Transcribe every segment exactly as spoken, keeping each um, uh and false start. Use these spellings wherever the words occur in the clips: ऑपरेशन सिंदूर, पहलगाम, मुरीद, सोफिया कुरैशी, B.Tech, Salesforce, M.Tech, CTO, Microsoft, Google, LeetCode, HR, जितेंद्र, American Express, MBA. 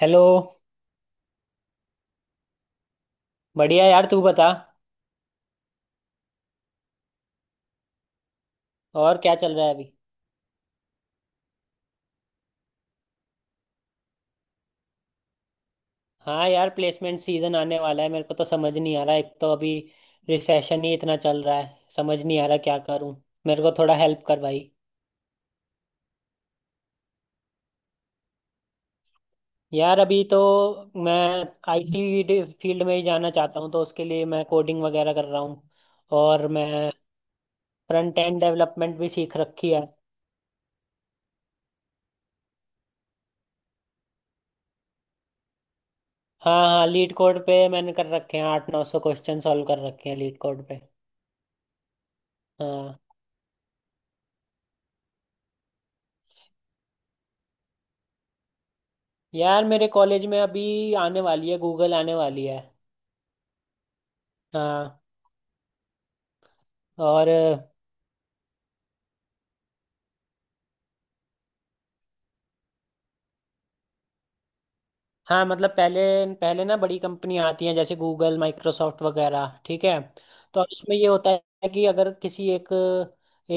Hello. बढ़िया यार, तू बता। और क्या चल रहा है अभी? हाँ यार, प्लेसमेंट सीजन आने वाला है। मेरे को तो समझ नहीं आ रहा। एक तो अभी रिसेशन ही इतना चल रहा है, समझ नहीं आ रहा क्या करूँ। मेरे को थोड़ा हेल्प कर भाई। यार अभी तो मैं आईटी फील्ड में ही जाना चाहता हूँ, तो उसके लिए मैं कोडिंग वगैरह कर रहा हूँ। और मैं फ्रंट एंड डेवलपमेंट भी सीख रखी है। हाँ हाँ, लीड कोड पे मैंने कर रखे हैं, आठ नौ सौ क्वेश्चन सॉल्व कर रखे हैं लीड कोड पे। हाँ यार, मेरे कॉलेज में अभी आने वाली है, गूगल आने वाली है। हाँ। और हाँ, मतलब पहले पहले ना बड़ी कंपनी आती हैं, जैसे गूगल, माइक्रोसॉफ्ट वगैरह, ठीक है। तो इसमें ये होता है कि अगर किसी एक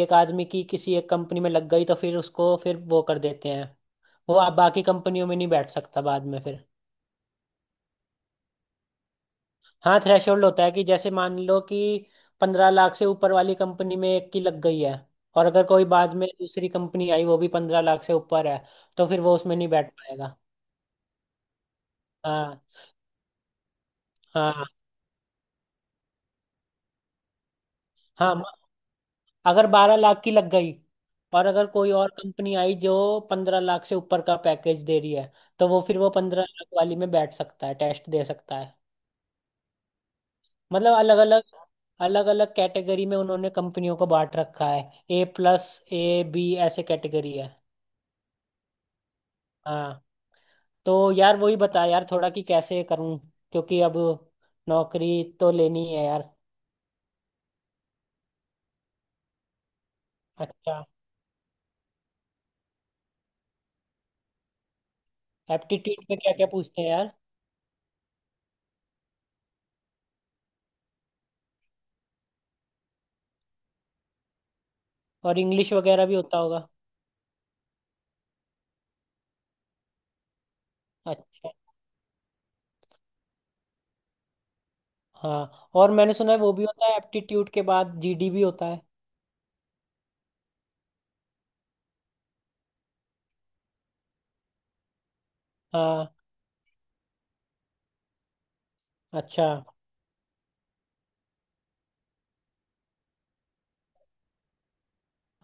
एक आदमी की किसी एक कंपनी में लग गई, तो फिर उसको फिर वो कर देते हैं। वो आप बाकी कंपनियों में नहीं बैठ सकता बाद में फिर। हाँ, थ्रेशोल्ड होता है कि जैसे मान लो कि पंद्रह लाख से ऊपर वाली कंपनी में एक की लग गई है, और अगर कोई बाद में दूसरी कंपनी आई वो भी पंद्रह लाख से ऊपर है, तो फिर वो उसमें नहीं बैठ पाएगा। हाँ हाँ हाँ। म- अगर बारह लाख की लग गई और अगर कोई और कंपनी आई जो पंद्रह लाख से ऊपर का पैकेज दे रही है, तो वो फिर वो पंद्रह लाख वाली में बैठ सकता है, टेस्ट दे सकता है। मतलब अलग अलग, अलग अलग कैटेगरी में उन्होंने कंपनियों को बांट रखा है, ए प्लस, ए, बी ऐसे कैटेगरी है। हाँ। तो यार वही बता यार थोड़ा कि कैसे करूं, क्योंकि अब नौकरी तो लेनी है यार। अच्छा। एप्टीट्यूड पे क्या क्या पूछते हैं यार? और इंग्लिश वगैरह भी होता होगा? अच्छा। हाँ, और मैंने सुना है वो भी होता है एप्टीट्यूड के बाद जीडी भी होता है। हाँ। अच्छा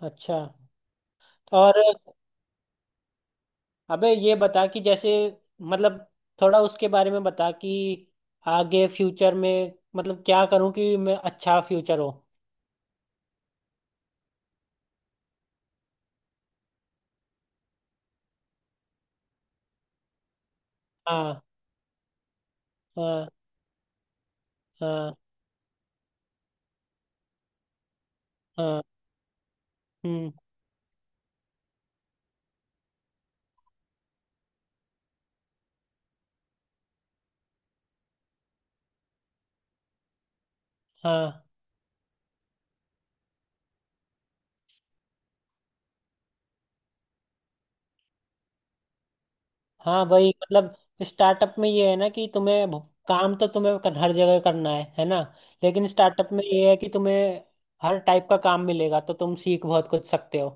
अच्छा। और अबे ये बता कि जैसे, मतलब थोड़ा उसके बारे में बता कि आगे फ्यूचर में, मतलब क्या करूं कि मैं अच्छा फ्यूचर हो। हाँ। हाँ। हाँ। हाँ। हम्म। हाँ। हाँ भाई, मतलब स्टार्टअप में ये है ना कि तुम्हें भ- काम तो तुम्हें कर- हर जगह करना है है ना। लेकिन स्टार्टअप में ये है कि तुम्हें हर टाइप का काम मिलेगा, तो तुम सीख बहुत कुछ सकते हो।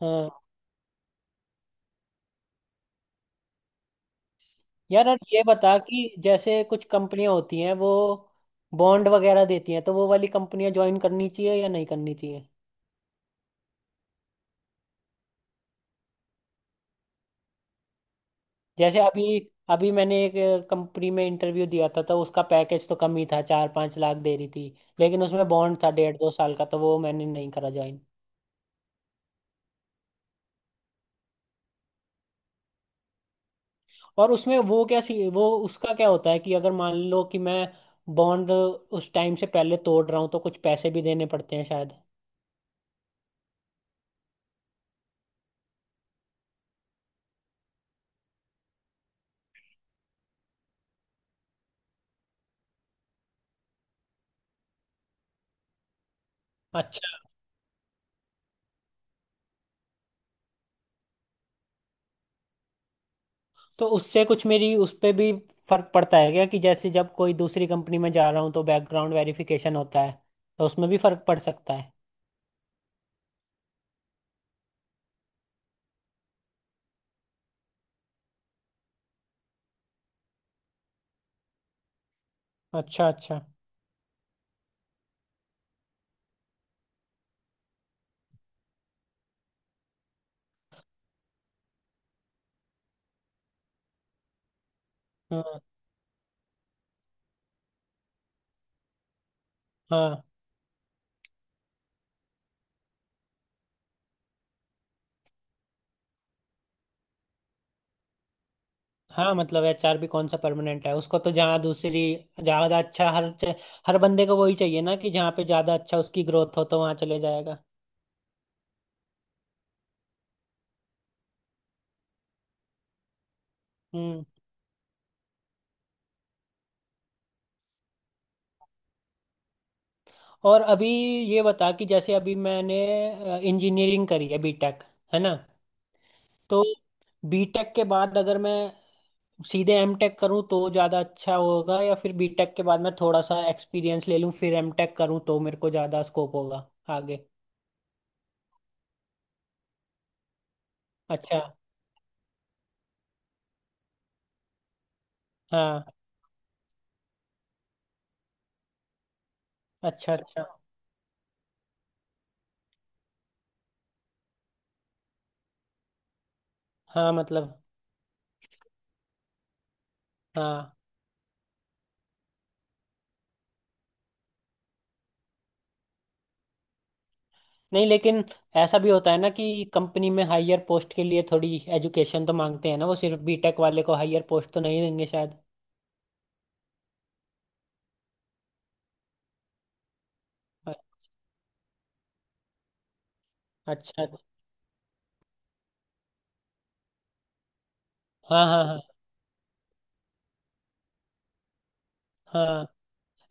हाँ यार, और ये बता कि जैसे कुछ कंपनियां होती हैं वो बॉन्ड वगैरह देती हैं, तो वो वाली कंपनियां ज्वाइन करनी चाहिए या नहीं करनी चाहिए? जैसे अभी अभी मैंने एक कंपनी में इंटरव्यू दिया था, तो उसका पैकेज तो कम ही था, चार पाँच लाख दे रही थी, लेकिन उसमें बॉन्ड था डेढ़ दो साल का, तो वो मैंने नहीं करा ज्वाइन। और उसमें वो क्या सी वो उसका क्या होता है कि अगर मान लो कि मैं बॉन्ड उस टाइम से पहले तोड़ रहा हूँ, तो कुछ पैसे भी देने पड़ते हैं शायद। अच्छा। तो उससे कुछ मेरी उस पे भी फर्क पड़ता है क्या कि जैसे जब कोई दूसरी कंपनी में जा रहा हूँ, तो बैकग्राउंड वेरिफिकेशन होता है, तो उसमें भी फर्क पड़ सकता है। अच्छा अच्छा। हाँ हाँ हाँ, मतलब एचआर भी कौन सा परमानेंट है, उसको तो जहाँ दूसरी ज़्यादा अच्छा, हर हर बंदे को वही चाहिए ना कि जहाँ पे ज़्यादा अच्छा उसकी ग्रोथ हो तो वहाँ चले जाएगा। हम्म। और अभी ये बता कि जैसे अभी मैंने इंजीनियरिंग करी है, बीटेक, है ना। तो बीटेक के बाद अगर मैं सीधे एमटेक करूं तो ज़्यादा अच्छा होगा, या फिर बीटेक के बाद मैं थोड़ा सा एक्सपीरियंस ले लूं फिर एमटेक करूं तो मेरे को ज़्यादा स्कोप होगा आगे? अच्छा। हाँ। अच्छा अच्छा। हाँ मतलब। हाँ नहीं, लेकिन ऐसा भी होता है ना कि कंपनी में हायर पोस्ट के लिए थोड़ी एजुकेशन तो मांगते हैं ना, वो सिर्फ बीटेक वाले को हायर पोस्ट तो नहीं देंगे शायद। अ- अच्छा। हाँ हाँ हाँ। हाँ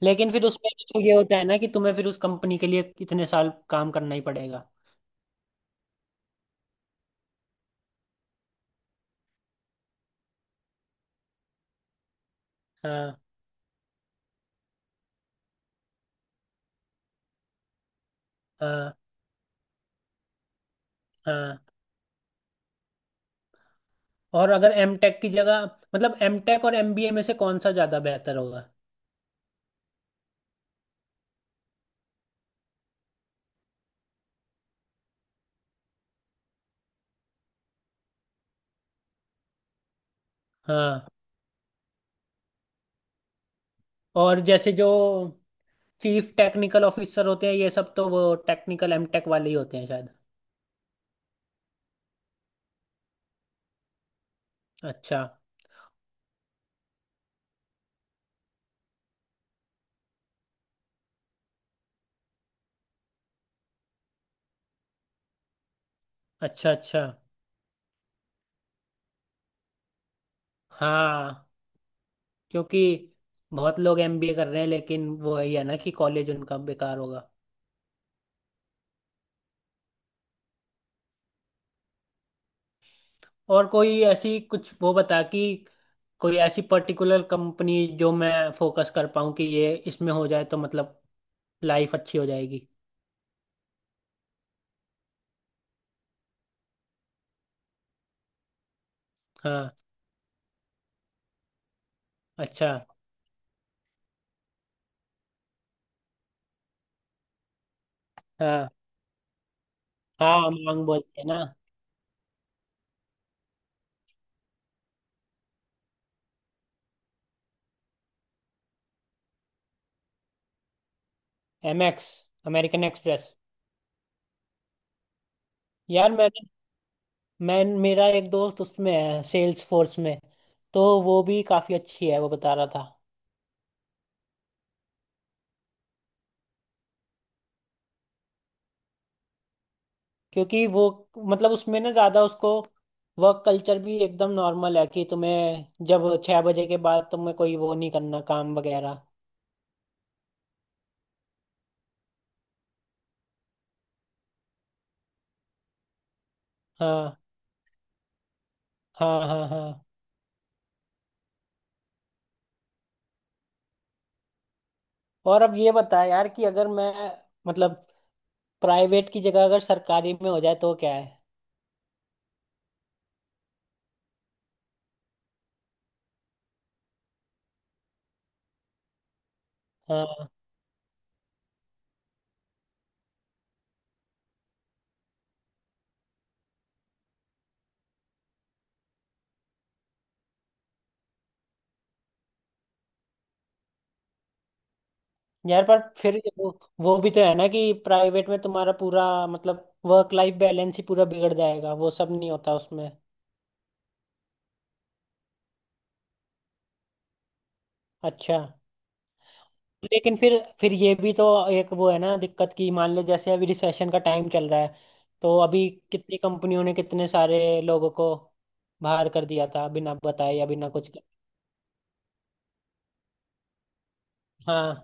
लेकिन फिर उसमें तो ये होता है ना कि तुम्हें फिर उस कंपनी के लिए इतने साल काम करना ही पड़ेगा। हाँ हाँ हाँ। और अगर एम टेक की जगह, मतलब एम टेक और एम बी ए में से कौन सा ज़्यादा बेहतर होगा? हाँ। और जैसे जो चीफ टेक्निकल ऑफिसर होते हैं ये सब, तो वो टेक्निकल एम टेक वाले ही होते हैं शायद। अच्छा अच्छा। अच्छा। हाँ क्योंकि बहुत लोग एम बी ए कर रहे हैं, लेकिन वो यही है ना कि कॉलेज उनका बेकार होगा। और कोई ऐसी कुछ वो बता कि कोई ऐसी पर्टिकुलर कंपनी जो मैं फोकस कर पाऊँ कि ये इसमें हो जाए तो मतलब लाइफ अच्छी हो जाएगी। हाँ। अच्छा। हाँ, हाँ मांग बोलते हैं ना। Amex, American Express. यार मैंने, मैं मेरा एक दोस्त उसमें है सेल्स फोर्स में, तो वो भी काफ़ी अच्छी है वो बता रहा था। क्योंकि वो, मतलब उसमें ना ज़्यादा उसको वर्क कल्चर भी एकदम नॉर्मल है कि तुम्हें जब छः बजे के बाद तुम्हें कोई वो नहीं करना काम वगैरह। हाँ हाँ हाँ। हाँ और अब ये बता यार कि अगर मैं, मतलब प्राइवेट की जगह अगर सरकारी में हो जाए तो क्या है? हाँ। यार पर फिर वो वो भी तो है ना कि प्राइवेट में तुम्हारा पूरा मतलब वर्क लाइफ बैलेंस ही पूरा बिगड़ जाएगा, वो सब नहीं होता उसमें। अच्छा। लेकिन फिर फिर ये भी तो एक वो है ना दिक्कत की, मान लो जैसे अभी रिसेशन का टाइम चल रहा है, तो अभी कितनी कंपनियों ने कितने सारे लोगों को बाहर कर दिया था बिना बताए या बिना कुछ कर- हाँ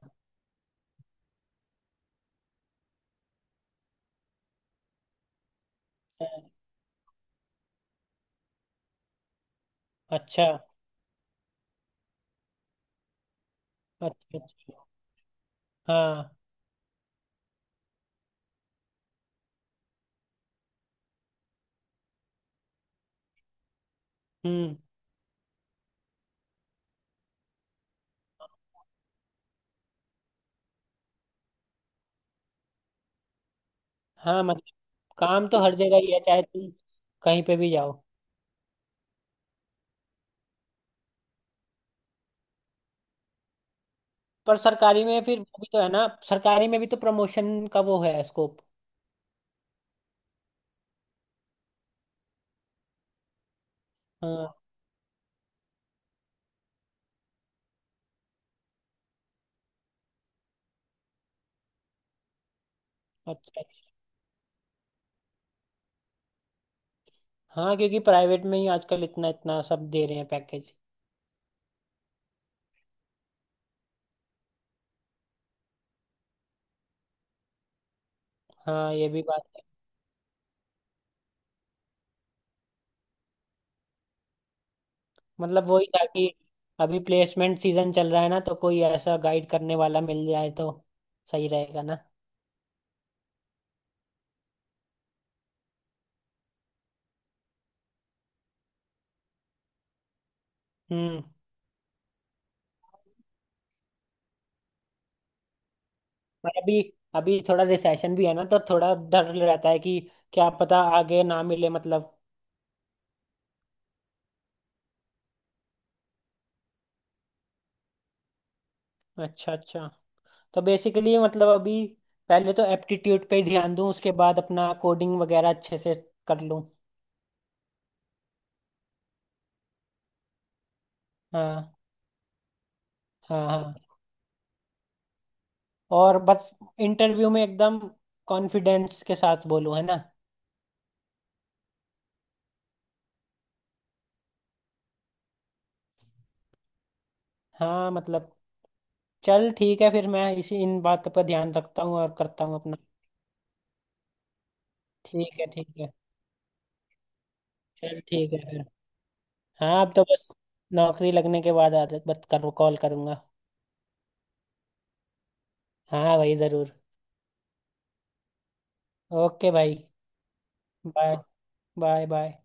हाँ। अच्छा अच्छा अच्छा। हाँ। हम्म। हाँ मतलब काम तो हर जगह ही है, चाहे तुम कहीं पे भी जाओ। पर सरकारी में फिर वो भी तो है ना, सरकारी में भी तो प्रमोशन का वो है, स्कोप। हाँ। अच्छा अच्छा। हाँ क्योंकि प्राइवेट में ही आजकल इतना इतना सब दे रहे हैं पैकेज। हाँ ये भी बात है। मतलब वही था कि अभी प्लेसमेंट सीजन चल रहा है ना, तो कोई ऐसा गाइड करने वाला मिल जाए तो सही रहेगा ना। हम्म। पर अभी, अभी थोड़ा रिसेशन भी है ना, तो थोड़ा डर रहता है कि क्या पता आगे ना मिले, मतलब। अच्छा अच्छा। तो बेसिकली मतलब अभी पहले तो एप्टीट्यूड पे ही ध्यान दूं, उसके बाद अपना कोडिंग वगैरह अच्छे से कर लूं। हाँ हाँ हाँ। और बस इंटरव्यू में एकदम कॉन्फिडेंस के साथ बोलूं, है ना। हाँ मतलब, चल ठीक है फिर, मैं इसी इन बातों पर ध्यान रखता हूँ और करता हूँ अपना। ठीक है ठीक है। चल ठीक है फिर। हाँ, अब तो बस नौकरी लगने के बाद आदत बत कर कॉल करूँगा। हाँ भाई ज़रूर। ओके भाई। Bye bye. बाय।